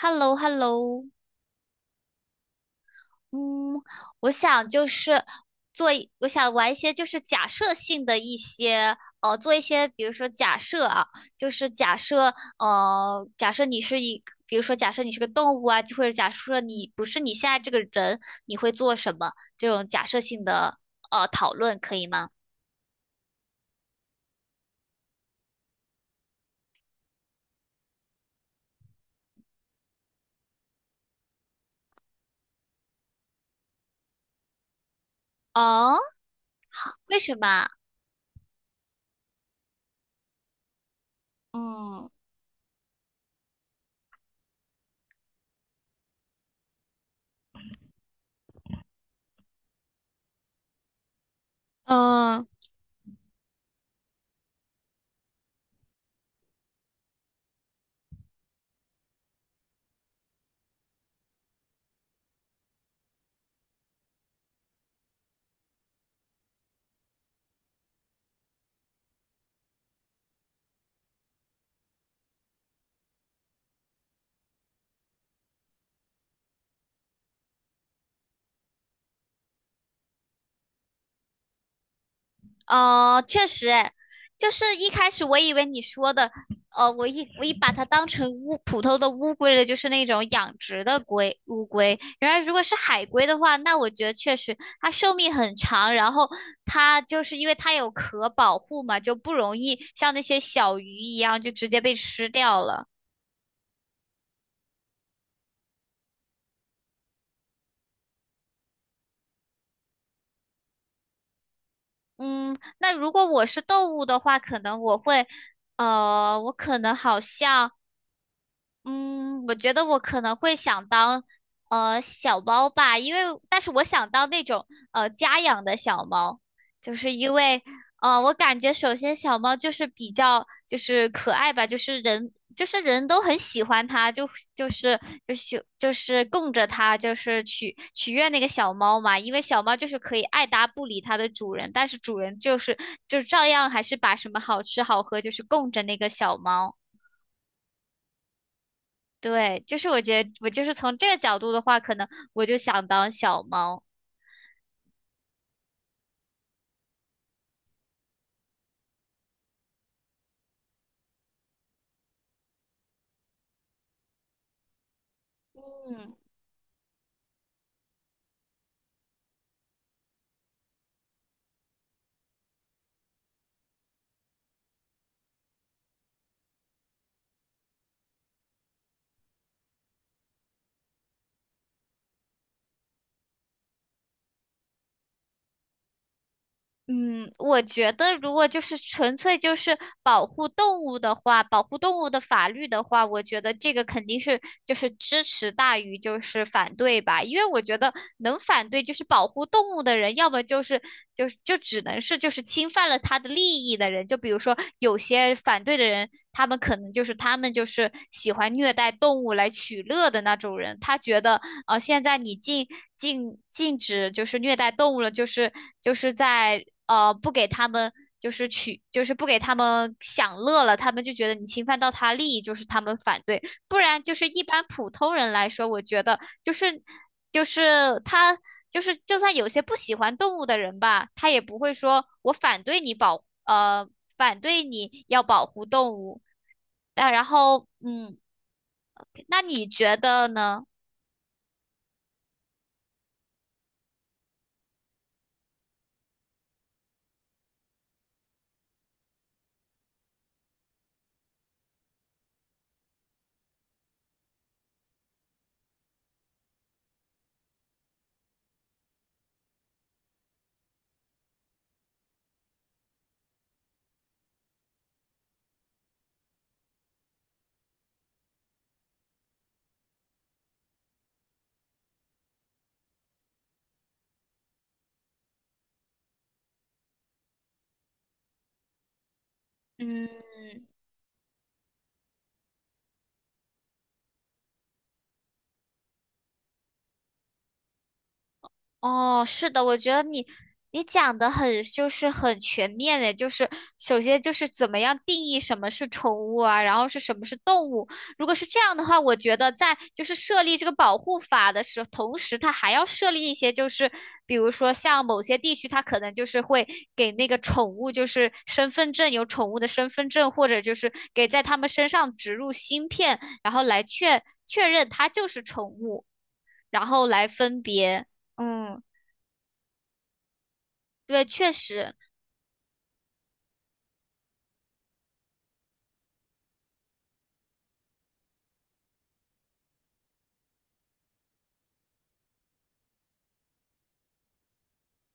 Hello Hello 嗯，我想就是我想玩一些就是假设性的一些，做一些，比如说假设啊，就是假设，假设你是一，比如说假设你是个动物啊，或者假设你不是你现在这个人，你会做什么？这种假设性的，讨论可以吗？哦，为什么啊？嗯，嗯，确实，哎，就是一开始我以为你说的，我一把它当成普通的乌龟了，就是那种养殖的乌龟。原来如果是海龟的话，那我觉得确实它寿命很长，然后它就是因为它有壳保护嘛，就不容易像那些小鱼一样就直接被吃掉了。嗯，那如果我是动物的话，可能我会，我可能好像。嗯，我觉得我可能会想当小猫吧，因为但是我想当那种家养的小猫，就是因为我感觉首先小猫就是比较就是可爱吧，就是人都很喜欢它，就是就是供着它，就是取悦那个小猫嘛，因为小猫就是可以爱搭不理它的主人，但是主人就是就照样还是把什么好吃好喝就是供着那个小猫。对，就是我觉得我就是从这个角度的话，可能我就想当小猫。嗯嗯，我觉得如果就是纯粹就是保护动物的话，保护动物的法律的话，我觉得这个肯定是就是支持大于就是反对吧，因为我觉得能反对就是保护动物的人，要么就是就只能是就是侵犯了他的利益的人，就比如说有些反对的人，他们可能就是他们就是喜欢虐待动物来取乐的那种人，他觉得现在你禁止就是虐待动物了，就是就是在不给他们就是取就是不给他们享乐了，他们就觉得你侵犯到他利益，就是他们反对。不然就是一般普通人来说，我觉得就是就是他就算有些不喜欢动物的人吧，他也不会说我反对你反对你要保护动物。但然后嗯，那你觉得呢？嗯，哦，是的，我觉得你讲的很就是很全面的，就是首先就是怎么样定义什么是宠物啊，然后是什么是动物。如果是这样的话，我觉得在就是设立这个保护法的时候，同时它还要设立一些就是比如说像某些地区，它可能就是会给那个宠物就是身份证有宠物的身份证，或者就是给在它们身上植入芯片，然后来确认它就是宠物。然后来分别。嗯，对，确实，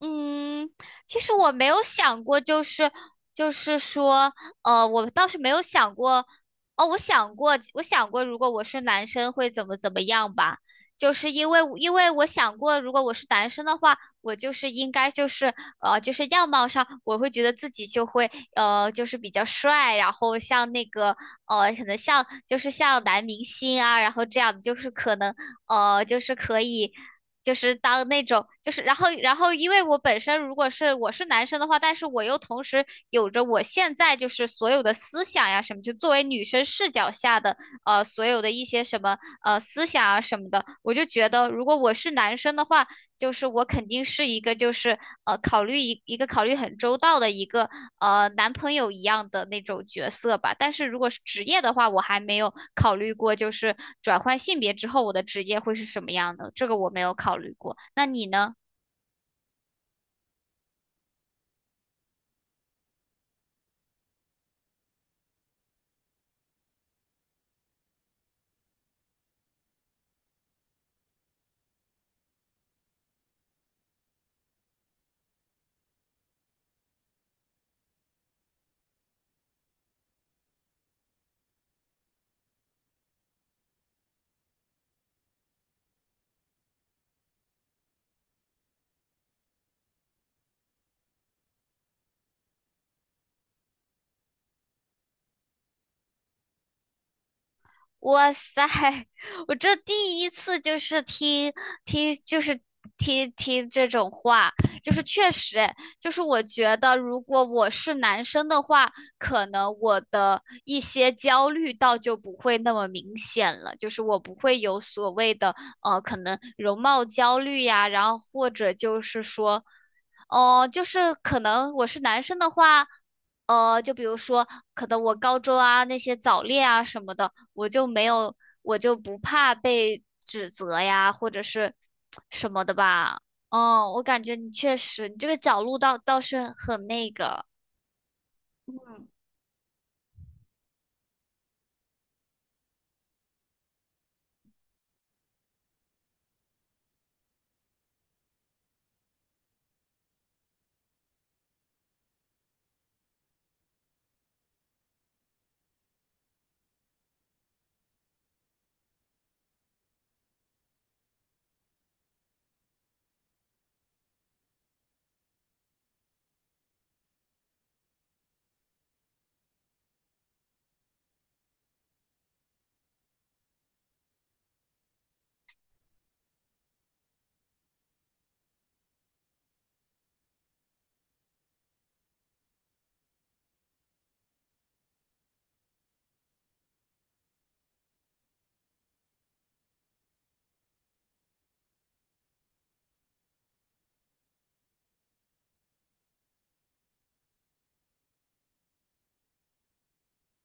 嗯，其实我没有想过，就是就是说，我倒是没有想过，哦，我想过，我想过，如果我是男生会怎么样吧，就是因为我想过，如果我是男生的话，我就是应该就是就是样貌上，我会觉得自己就会就是比较帅，然后像那个可能像就是像男明星啊，然后这样就是可能就是可以。就是当那种，就是然后，因为我本身如果我是男生的话，但是我又同时有着我现在就是所有的思想呀什么，就作为女生视角下的所有的一些什么思想啊什么的，我就觉得如果我是男生的话。就是我肯定是一个就是呃考虑一一个考虑很周到的一个男朋友一样的那种角色吧。但是如果是职业的话，我还没有考虑过，就是转换性别之后我的职业会是什么样的，这个我没有考虑过。那你呢？哇塞，我这第一次就是听就是听这种话，就是确实诶，就是我觉得如果我是男生的话，可能我的一些焦虑倒就不会那么明显了，就是我不会有所谓的可能容貌焦虑呀，然后或者就是说，哦、就是可能我是男生的话。就比如说，可能我高中啊那些早恋啊什么的，我就没有，我就不怕被指责呀，或者是什么的吧。嗯，我感觉你确实，你这个角度倒是很那个。嗯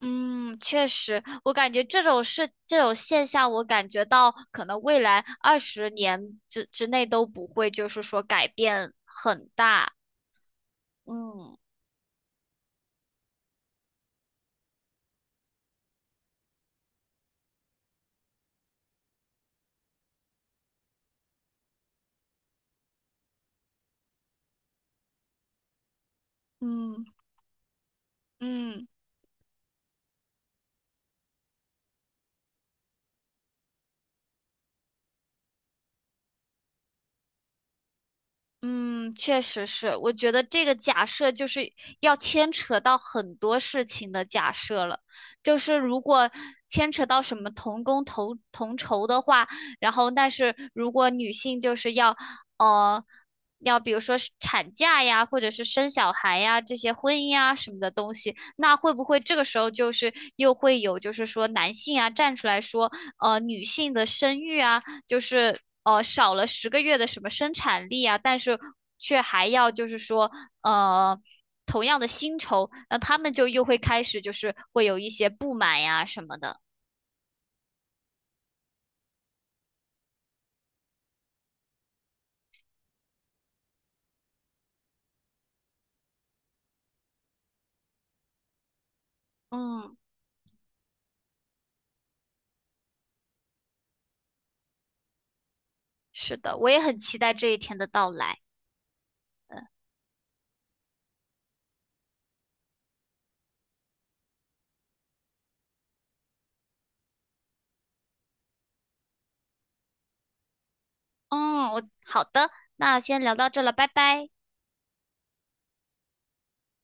嗯，确实，我感觉这种事、这种现象，我感觉到可能未来20年之内都不会，就是说改变很大。嗯嗯。嗯。嗯，确实是，我觉得这个假设就是要牵扯到很多事情的假设了。就是如果牵扯到什么同工同酬的话，然后但是如果女性就是呃要比如说是产假呀，或者是生小孩呀这些婚姻啊什么的东西，那会不会这个时候就是又会有就是说男性啊站出来说女性的生育啊？就是少了10个月的什么生产力啊，但是却还要就是说呃同样的薪酬，那他们就又会开始就是会有一些不满呀什么的。嗯，是的，我也很期待这一天的到来。嗯，我好的，那先聊到这了，拜拜。